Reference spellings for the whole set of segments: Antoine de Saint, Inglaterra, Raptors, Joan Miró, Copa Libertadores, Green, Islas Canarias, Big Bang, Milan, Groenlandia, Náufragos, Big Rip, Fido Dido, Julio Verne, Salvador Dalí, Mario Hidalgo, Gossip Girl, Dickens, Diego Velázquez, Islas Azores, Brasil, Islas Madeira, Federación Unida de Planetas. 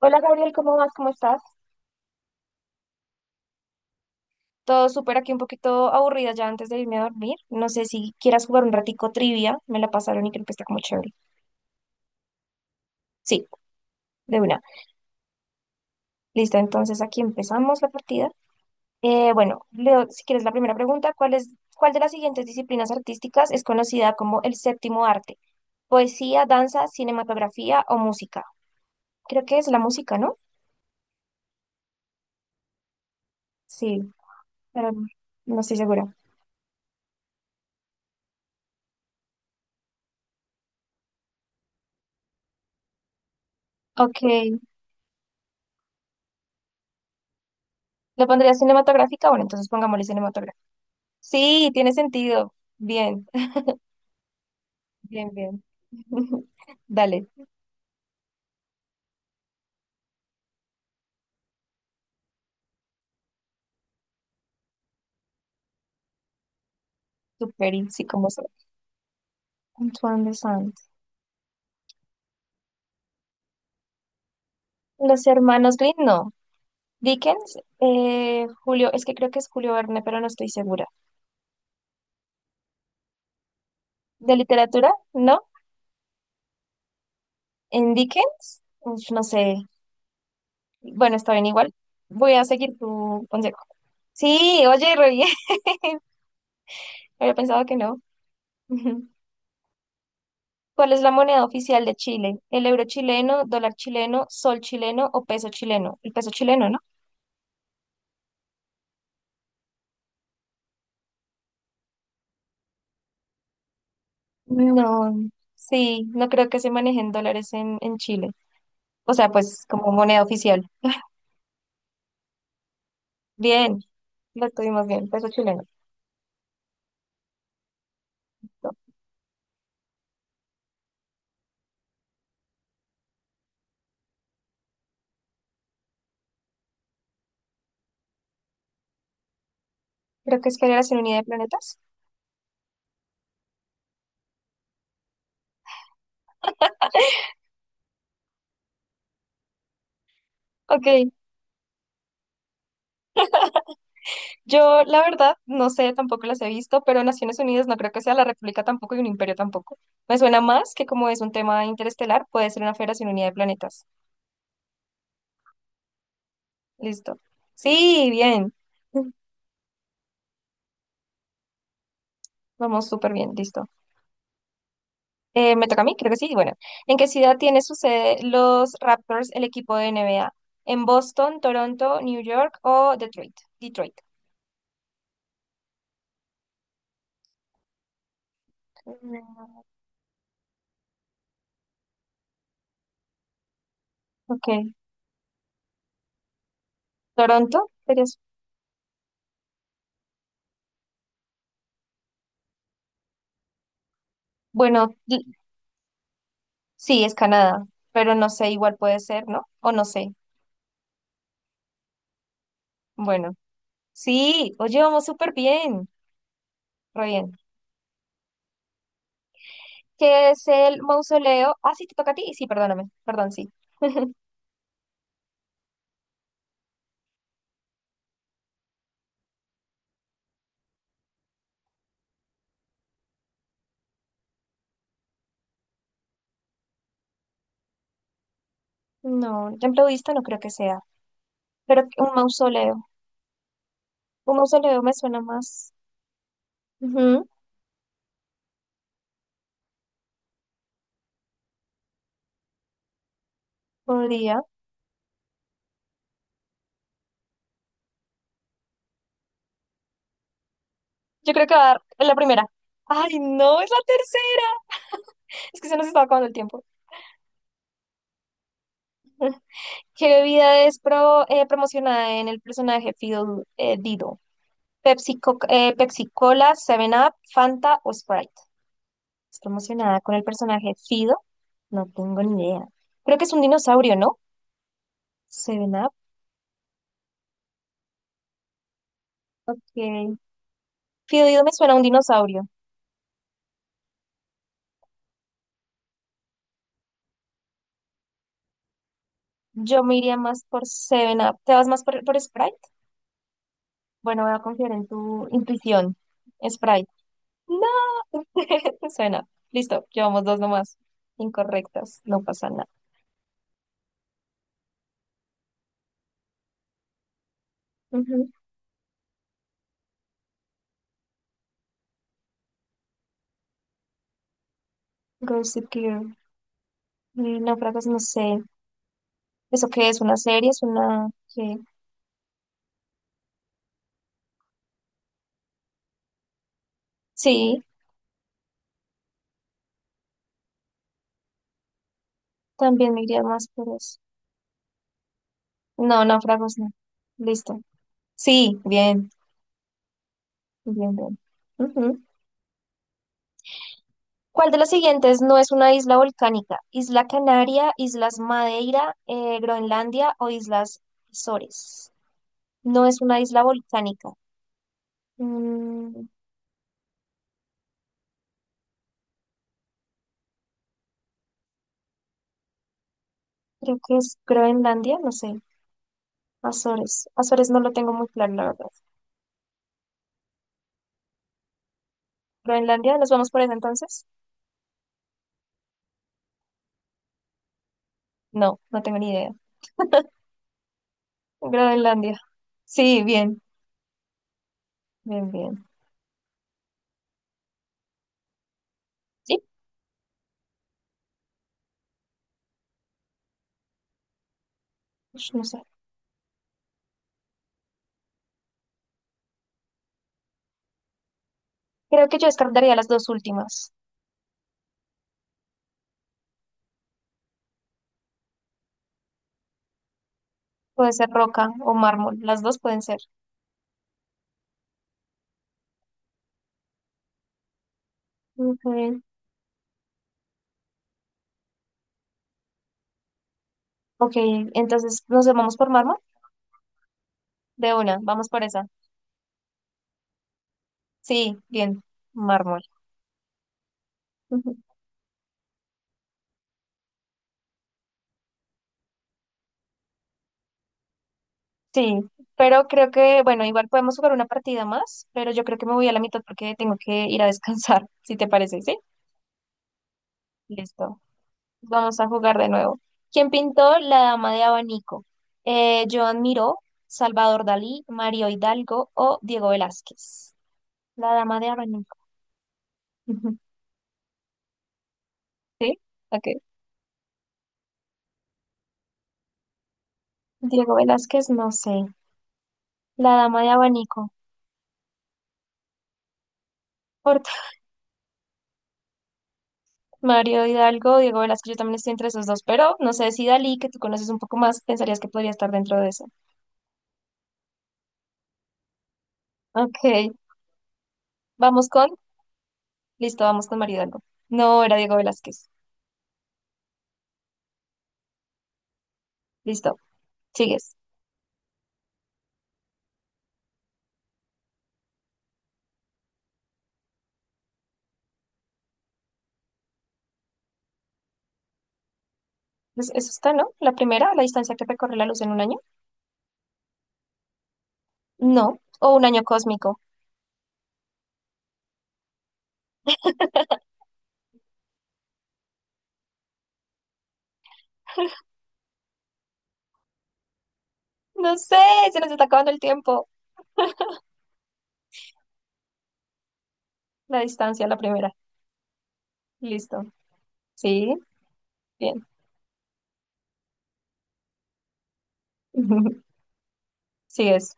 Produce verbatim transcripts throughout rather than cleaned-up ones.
Hola Gabriel, ¿cómo vas? ¿Cómo estás? Todo súper aquí, un poquito aburrida ya antes de irme a dormir. No sé si quieras jugar un ratico trivia, me la pasaron y creo que está como chévere. Sí, de una. Listo, entonces aquí empezamos la partida. Eh, bueno, Leo, si quieres la primera pregunta, ¿cuál es, ¿cuál de las siguientes disciplinas artísticas es conocida como el séptimo arte? Poesía, danza, cinematografía o música. Creo que es la música, ¿no? Sí, pero no estoy segura. Ok, ¿lo pondría cinematográfica? Bueno, entonces pongámosle. Sí, tiene sentido. Bien, bien, bien. Dale, super, y sí, como se. Antoine de Saint. Los hermanos Green, no. Dickens, eh, Julio, es que creo que es Julio Verne, pero no estoy segura. ¿De literatura? No. ¿En Dickens? Uf, no sé. Bueno, está bien, igual. Voy a seguir tu consejo. Sí, oye, re bien. Había pensado que no. Ujú. ¿Cuál es la moneda oficial de Chile? ¿El euro chileno, dólar chileno, sol chileno o peso chileno? El peso chileno, ¿no? No, sí, no creo que se manejen dólares en, en Chile. O sea, pues como moneda oficial. Bien, lo tuvimos bien, peso chileno. No, creo que es Federación Unida de Planetas. Ok, yo la verdad no sé, tampoco las he visto, pero Naciones Unidas no creo que sea, la República tampoco y un imperio tampoco. Me suena más que como es un tema interestelar, puede ser una Federación Unida de Planetas. Listo. Sí, bien. Vamos súper bien, listo. Eh, me toca a mí, creo que sí. Bueno, ¿en qué ciudad tiene su sede los Raptors, el equipo de N B A? ¿En Boston, Toronto, New York o Detroit? Detroit. Mm, ok. ¿Toronto? ¿Serías? Bueno, di- sí, es Canadá, pero no sé, igual puede ser, ¿no? O no sé. Bueno, sí, oye, vamos súper bien, re bien. ¿Qué es el mausoleo? Ah, sí, te toca a ti. Sí, perdóname, perdón, sí. No, templo budista no creo que sea, pero un mausoleo. Un mausoleo me suena más. Ujú. Podría. Yo creo que va a dar la primera. Ay, no, es la tercera. Es que se nos está acabando el tiempo. ¿Qué bebida es pro, eh, promocionada en el personaje Fido, eh, Dido? Pepsi, Co- eh, Pepsi Cola, Seven up Fanta o Sprite. Es promocionada con el personaje Fido. No tengo ni idea. Creo que es un dinosaurio, no. Seven 7-Up. Ok. Fido Dido me suena a un dinosaurio. Yo me iría más por Seven up. ¿Te vas más por, por Sprite? Bueno, voy a confiar en tu intuición. Sprite. Suena. Listo, llevamos dos nomás. Incorrectas, no pasa nada. Ujú. Gossip Girl. Eh, Náufragos, no sé. ¿Eso qué es? ¿Una serie? ¿Es una...? ¿Qué? Sí, también me iría más por eso. No, náufragos no. Listo. Sí, bien, bien, bien. Ujú. ¿Cuál de las siguientes no es una isla volcánica? ¿Isla Canaria, Islas Madeira, eh, Groenlandia o Islas Azores? No es una isla volcánica. Mm, Creo que es Groenlandia, no sé. Azores. Azores no lo tengo muy claro, la verdad. Groenlandia, ¿nos vamos por eso entonces? No, no tengo ni idea. Groenlandia. Sí, bien, bien, bien. Sí, ush, no sé. Creo que yo descartaría las dos últimas. Puede ser roca o mármol. Las dos pueden ser. Ok, ok, entonces nos vamos por mármol. De una, vamos por esa. Sí, bien, mármol. Sí, pero creo que, bueno, igual podemos jugar una partida más, pero yo creo que me voy a la mitad porque tengo que ir a descansar, si te parece, ¿sí? Listo. Vamos a jugar de nuevo. ¿Quién pintó la dama de abanico? Eh, Joan Miró, Salvador Dalí, Mario Hidalgo o Diego Velázquez. La dama de abanico. ¿Sí? Ok. Diego Velázquez, no sé. La dama de abanico. Por Mario Hidalgo, Diego Velázquez, yo también estoy entre esos dos, pero no sé si Dalí, que tú conoces un poco más, pensarías que podría estar dentro de eso. Ok, vamos con, listo, vamos con María Hidalgo. No, era Diego Velázquez. Listo, sigues. Es- Eso está, ¿no? La primera, la distancia que recorre la luz en un año. No, o un año cósmico. No sé, se nos está acabando el tiempo. La distancia, la primera. Listo. Sí, bien. Sigues.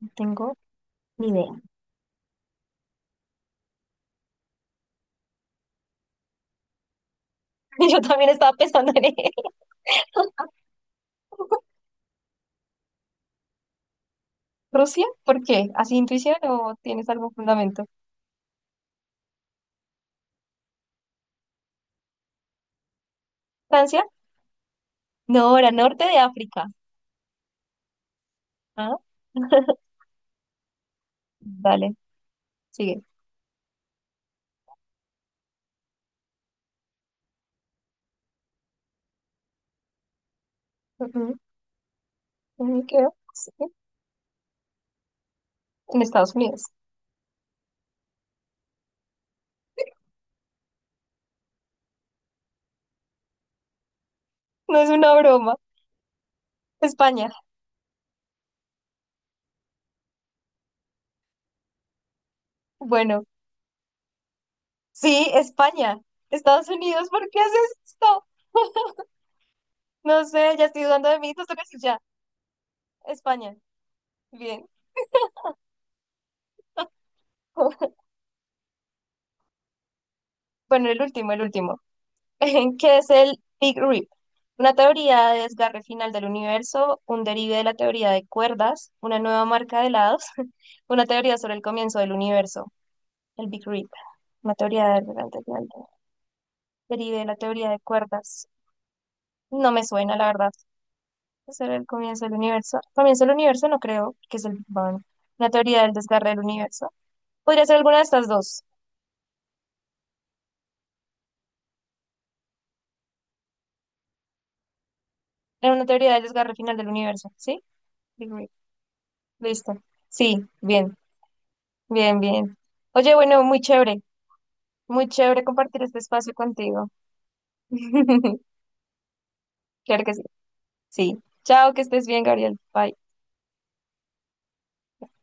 No tengo ni idea. Yo también estaba pensando en él. ¿Rusia? ¿Por qué? ¿Así intuición o tienes algún fundamento? ¿Francia? No, era norte de África. Ah, dale, sigue. Ay, creo, sí, en Estados Unidos. No es una broma. España. Bueno, sí, España. Estados Unidos, ¿por qué haces esto? No sé, ya estoy dudando de mí, tú sabes que ya. España. Bien. Bueno, el último, el último. ¿Qué es el Big Rip? Una teoría de desgarre final del universo, un derive de la teoría de cuerdas, una nueva marca de helados, una teoría sobre el comienzo del universo, el Big Rip. Una teoría de del derive de la teoría de cuerdas. No me suena, la verdad. ¿Ese era el comienzo del universo? Comienzo del universo no creo, que es el Big Bang. Una teoría del desgarre del universo. Podría ser alguna de estas dos. Era una teoría del desgarre final del universo, ¿sí? Big Bang. Listo. Sí, bien, bien, bien. Oye, bueno, muy chévere. Muy chévere compartir este espacio contigo. Claro que sí. Sí. Chao, que estés bien, Gabriel. Bye.